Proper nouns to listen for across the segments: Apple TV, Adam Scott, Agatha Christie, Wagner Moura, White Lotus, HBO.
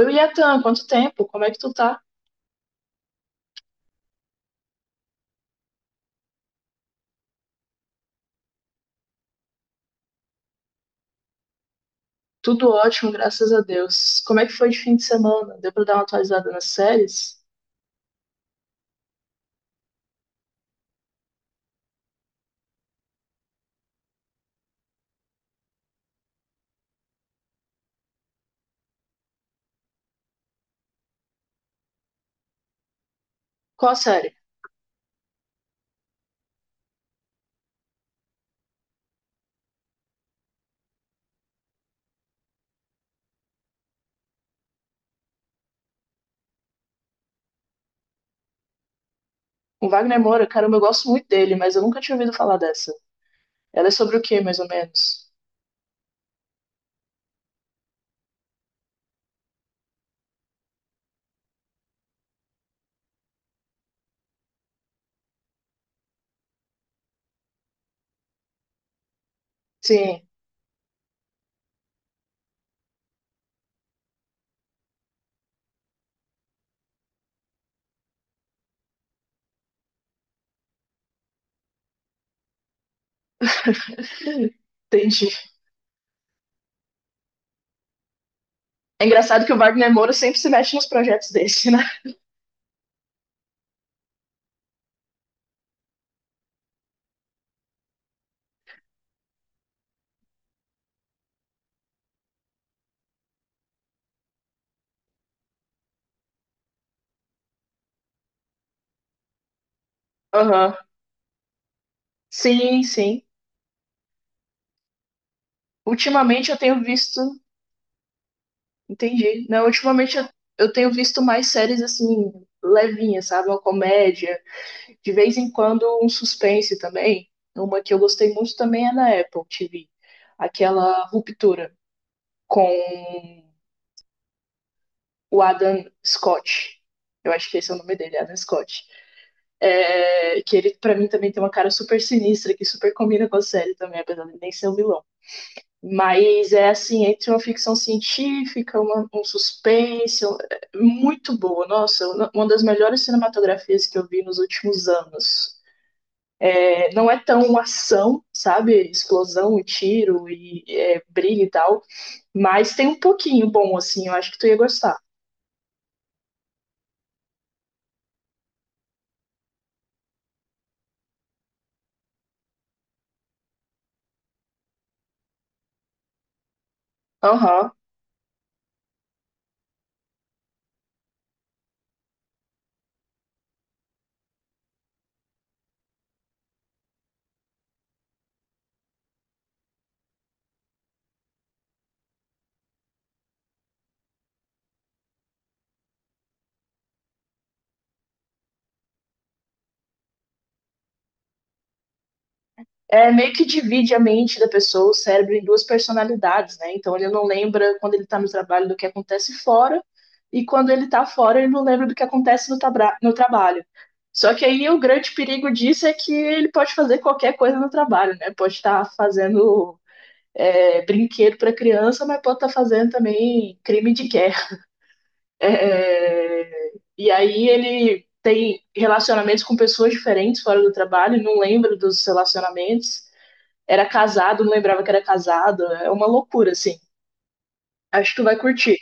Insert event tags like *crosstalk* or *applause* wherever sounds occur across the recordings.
Oi, Yatan, quanto tempo? Como é que tu tá? Tudo ótimo, graças a Deus. Como é que foi de fim de semana? Deu pra dar uma atualizada nas séries? Qual a série? O Wagner Moura, caramba, eu gosto muito dele, mas eu nunca tinha ouvido falar dessa. Ela é sobre o quê, mais ou menos? Sim, *laughs* entendi. É engraçado que o Wagner Moura sempre se mete nos projetos desse, *laughs* né? Aham. Sim, sim. Ultimamente eu tenho visto. Entendi. Não, ultimamente eu tenho visto mais séries assim, levinhas, sabe? Uma comédia. De vez em quando, um suspense também. Uma que eu gostei muito também é na Apple TV. Aquela ruptura com o Adam Scott. Eu acho que esse é o nome dele, Adam Scott. É, que ele, para mim, também tem uma cara super sinistra, que super combina com a série também, apesar de nem ser o um vilão. Mas é assim, entre uma ficção científica, uma, um suspense, muito boa. Nossa, uma das melhores cinematografias que eu vi nos últimos anos. É, não é tão uma ação, sabe? Explosão e tiro e briga e tal. Mas tem um pouquinho bom, assim, eu acho que tu ia gostar. Aham. É meio que divide a mente da pessoa, o cérebro, em duas personalidades, né? Então ele não lembra quando ele tá no trabalho do que acontece fora, e quando ele tá fora, ele não lembra do que acontece no trabalho. Só que aí o grande perigo disso é que ele pode fazer qualquer coisa no trabalho, né? Pode estar fazendo brinquedo para criança, mas pode estar tá fazendo também crime de guerra. É, é, e aí ele tem relacionamentos com pessoas diferentes fora do trabalho, não lembra dos relacionamentos. Era casado, não lembrava que era casado. É uma loucura, assim. Acho que tu vai curtir.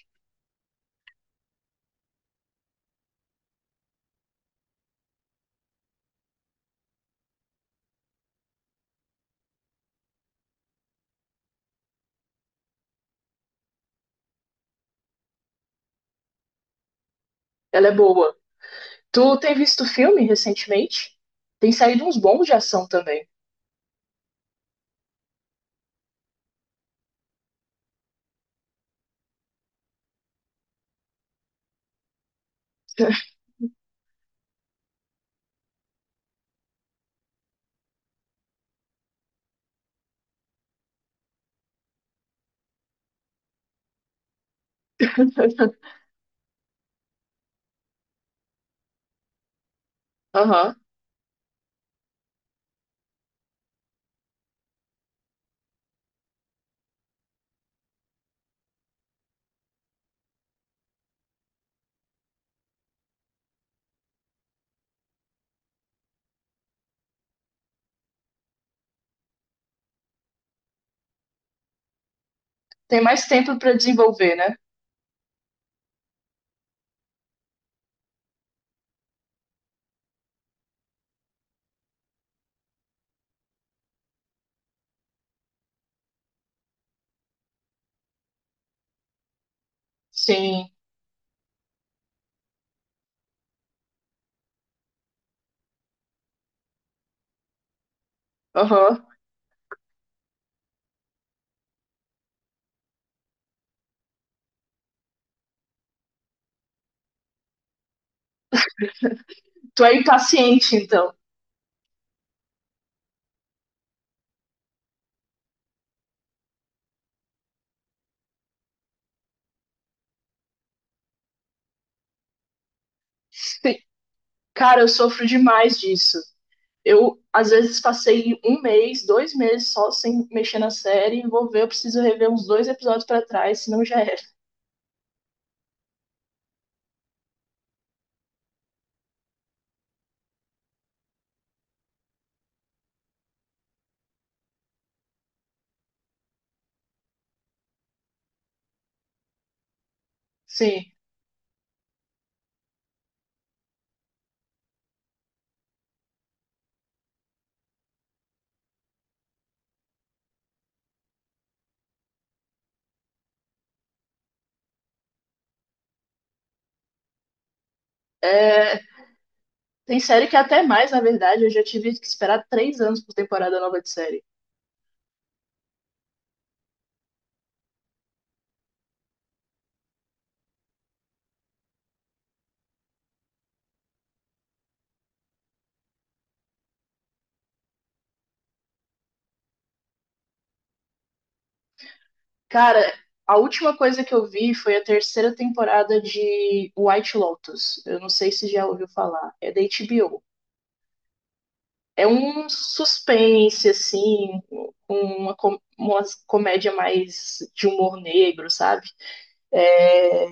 Ela é boa. Tu tem visto filme recentemente? Tem saído uns bons de ação também. *laughs* Aham. Tem mais tempo para desenvolver, né? Sim. Aham. Tu é impaciente, então. *laughs* Cara, eu sofro demais disso. Eu, às vezes, passei um mês, dois meses só sem mexer na série. Vou ver, eu preciso rever uns dois episódios pra trás, senão já era. Sim. É, tem série que é até mais, na verdade. Eu já tive que esperar 3 anos por temporada nova de série. Cara, a última coisa que eu vi foi a terceira temporada de White Lotus. Eu não sei se já ouviu falar. É da HBO. É um suspense, assim, com uma comédia mais de humor negro, sabe? É,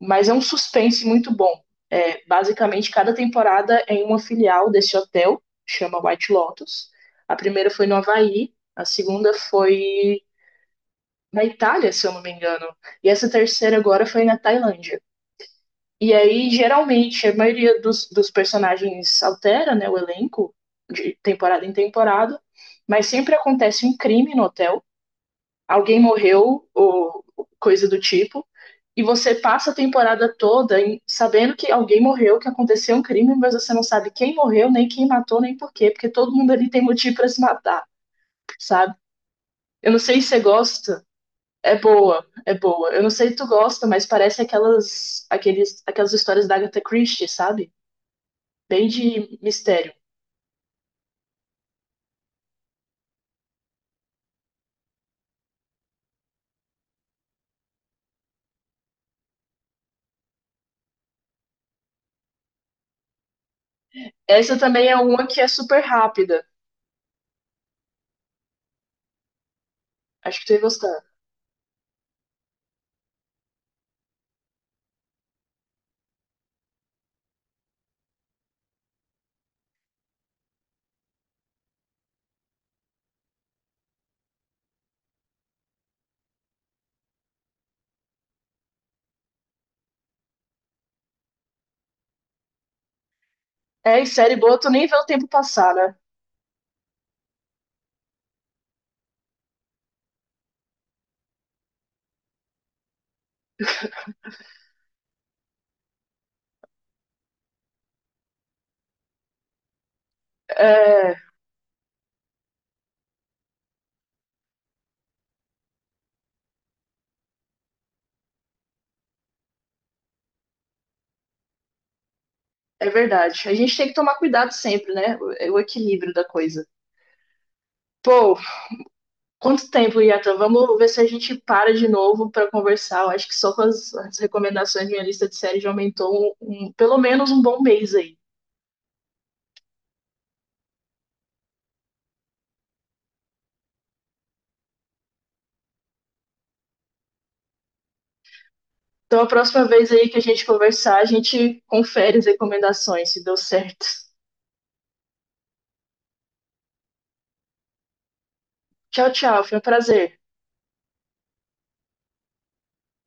mas é um suspense muito bom. É, basicamente, cada temporada é em uma filial desse hotel, chama White Lotus. A primeira foi no Havaí, a segunda foi na Itália, se eu não me engano, e essa terceira agora foi na Tailândia. E aí, geralmente, a maioria dos personagens altera, né, o elenco de temporada em temporada, mas sempre acontece um crime no hotel, alguém morreu ou coisa do tipo, e você passa a temporada toda sabendo que alguém morreu, que aconteceu um crime, mas você não sabe quem morreu, nem quem matou, nem por quê, porque todo mundo ali tem motivo para se matar, sabe? Eu não sei se você gosta, é boa, é boa. Eu não sei se tu gosta, mas parece aquelas histórias da Agatha Christie, sabe? Bem de mistério. Essa também é uma que é super rápida. Acho que tu ia gostar. É, e série boa, tu nem vê o tempo passar, né? É, é verdade. A gente tem que tomar cuidado sempre, né? É o equilíbrio da coisa. Pô, quanto tempo, Yatan? Vamos ver se a gente para de novo para conversar. Eu acho que só com as recomendações de minha lista de série já aumentou pelo menos um bom mês aí. Então, a próxima vez aí que a gente conversar, a gente confere as recomendações, se deu certo. Tchau, tchau. Foi um prazer.